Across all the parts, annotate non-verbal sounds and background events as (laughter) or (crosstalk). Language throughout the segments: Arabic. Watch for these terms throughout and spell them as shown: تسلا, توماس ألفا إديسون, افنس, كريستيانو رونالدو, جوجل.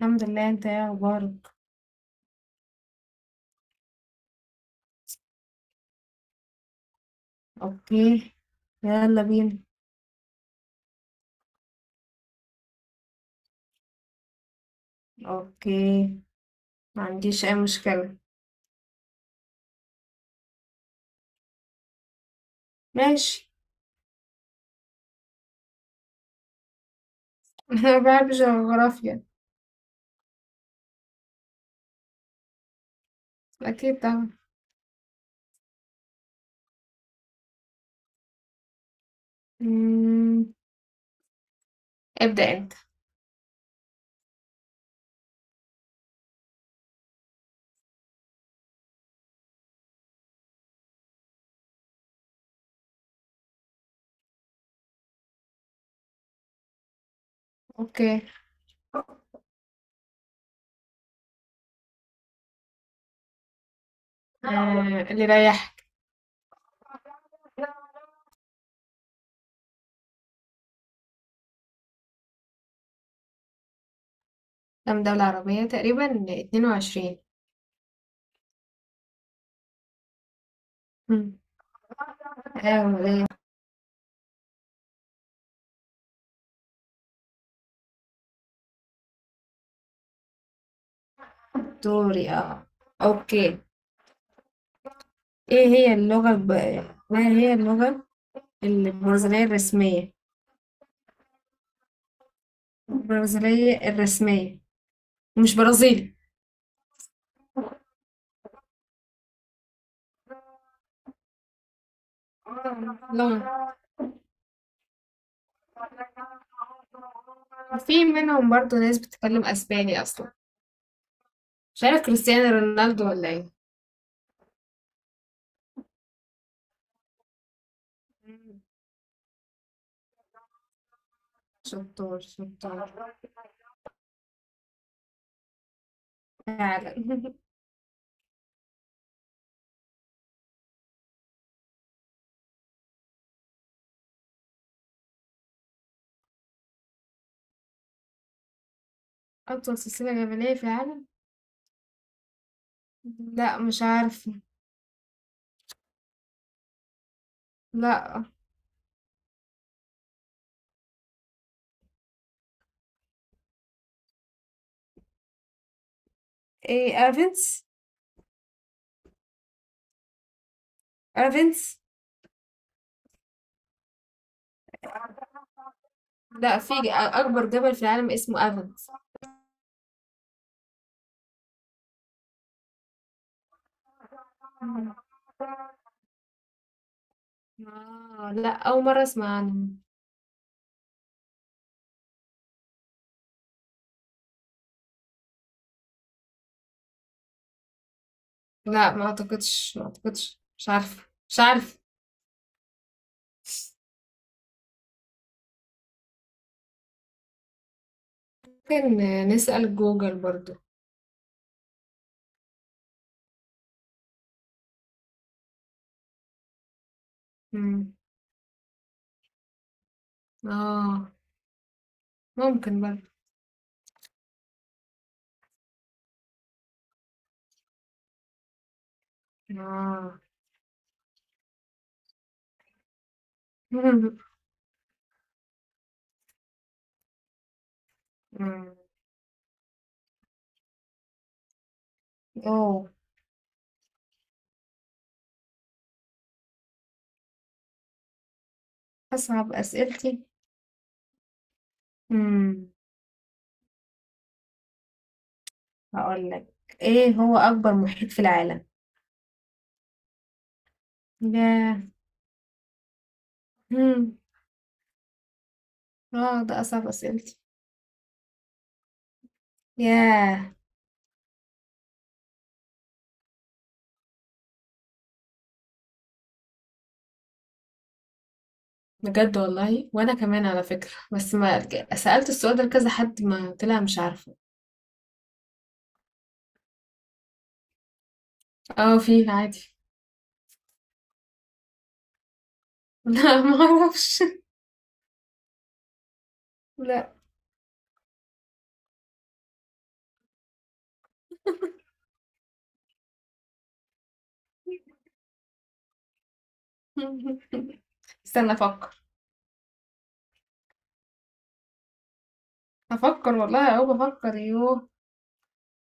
الحمد لله. انت ايه اخبارك؟ اوكي، يلا بينا. اوكي، ما عنديش اي مشكلة. ماشي. (laughs) انا ما بحبش الجغرافيا. اكيد طبعا. مم، ابدأ انت. اوكي. اللي رايح. كام دولة عربية تقريبا؟ 22. مم. ايوه، ليه؟ دوري اه. اوكي. ايه هي اللغة الب... ما هي اللغة البرازيلية الرسمية؟ البرازيلية الرسمية، مش برازيلي. لغة. في منهم برضو ناس بتتكلم اسباني اصلا. مش عارف، كريستيانو رونالدو ولا ايه. شطار شطار. فعلا (laughs) اطول سلسلة جبلية في العالم؟ لا، مش عارفة. لا. ايه، افنس. افنس. لا في ج- اكبر جبل في العالم اسمه افنس. آه، لا، اول مرة اسمع عنه. لا ما اعتقدش، مش عارفة مش عارفة. ممكن نسأل جوجل برضو. مم. اه، ممكن برضو. آه. (laughs) إمم. أوه! أصعب أسئلتي، إمم، هاقول لك، إيه هو أكبر محيط في العالم؟ ياه! إمم، آه، ده أصعب أسئلتي. ياه! بجد والله، وأنا كمان على فكرة، بس ما ك سألت السؤال ده لكذا حد، ما طلع مش عارفة. فيه عادي. (laughs) لأ، ما أعرفش. لأ. (laughs) استنى أفكر، هافكر والله أهو بافكر. يوه!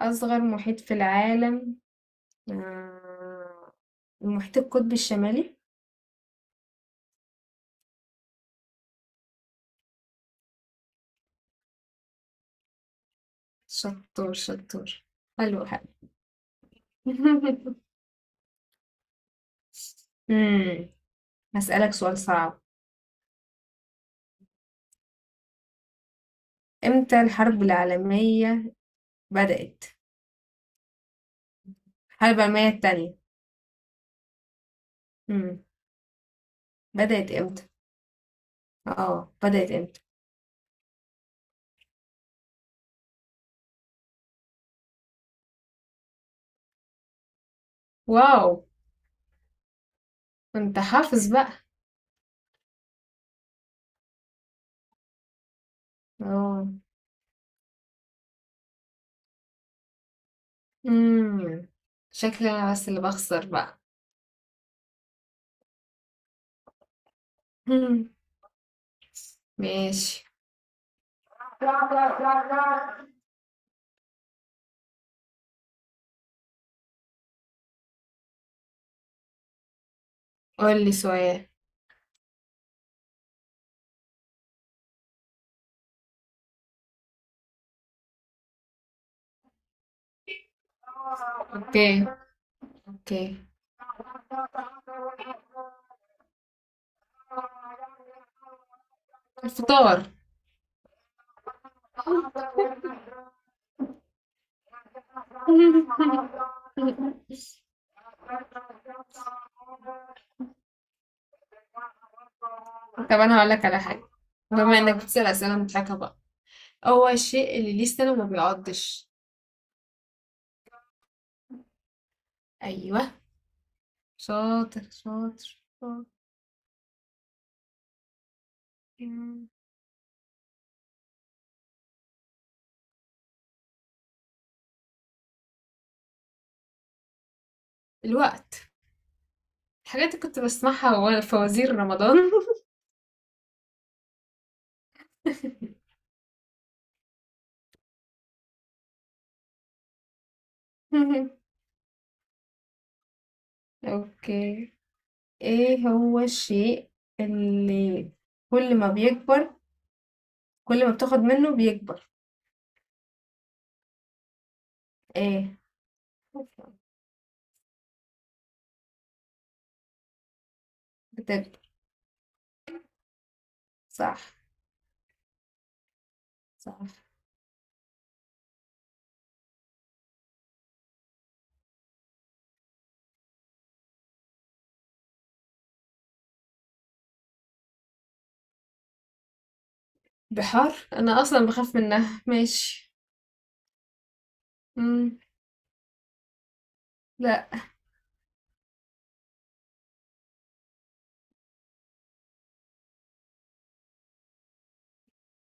أصغر محيط في العالم، آه، المحيط القطبي الشمالي. شطور شطور. حلو حلو. (laughs) امم هسألك سؤال صعب. امتى الحرب العالمية بدأت؟ الحرب العالمية التانية. امم بدأت امتى. اه بدأت امتى. واو، انت حافظ بقى. اه. امم شكلي انا بس اللي بخسر بقى. (laughs) مم. ماشي. قول لي سؤال. اوكي، اوكي. الفطار. طب انا هقول لك على حاجه، بما انك بتسال اسئله مضحكه بقى. هو الشيء اللي ليه سنه وما بيعضش. ايوه، شاطر شاطر شاطر. الوقت. الحاجات اللي كنت بسمعها وانا في وزير رمضان. (laughs) اوكي. ايه هو الشيء اللي كل ما بيكبر، كل ما بتاخد منه بيكبر؟ ايه؟ بتكبر. صح. صح. بحار، انا اصلا بخاف منها. ماشي. مم. لا.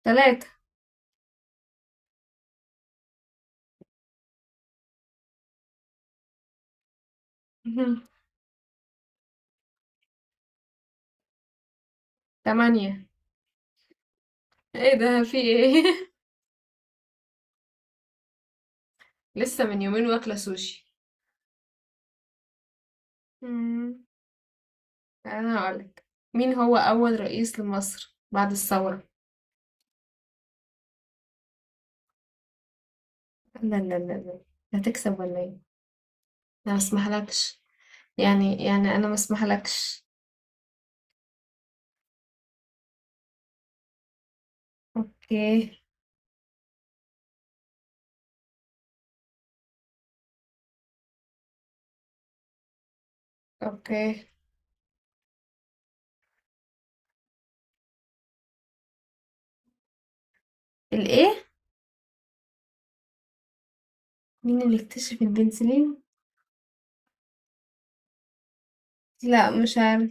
ثلاثة. (laughs) تمانية. ايه ده، في ايه؟ (laughs) لسه من يومين واكلة سوشي. مم. انا هقولك، مين هو اول رئيس لمصر بعد الثورة؟ لا لا لا لا. هتكسب ولا ايه؟ انا ما اسمحلكش. يعني انا ما اسمحلكش. اوكي. اوكي. الايه؟ مين اللي اكتشف البنسلين؟ لا، مش عارف.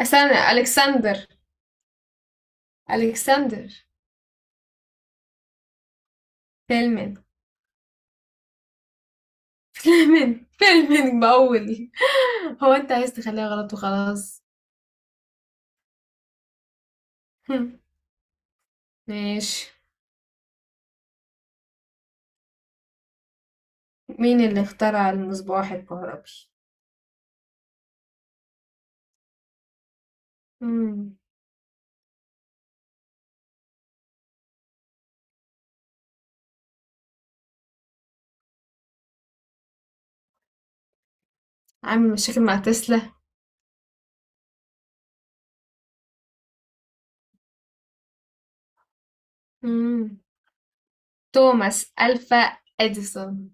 استنى، الكسندر. الكسندر. فيلمين. فيلمين بقول. (laughs) هو انت عايز تخليها غلط وخلاص. (laughs) ماشي. مين اللي اخترع المصباح الكهربي؟ مم. عامل مشاكل مع تسلا. مم. توماس ألفا إديسون.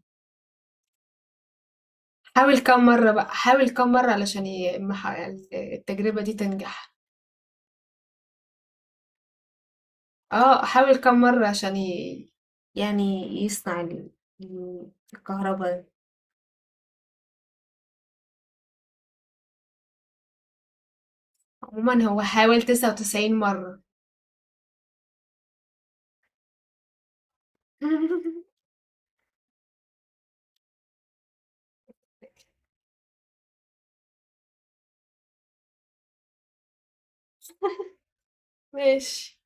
حاول كم مرة بقى حاول كم مرة علشان ي- مح- التجربة دي تنجح. اه، حاول كم مرة عشان ي... يعني يصنع الكهرباء. عموما هو حاول 99 مرة. (laughs) ماشي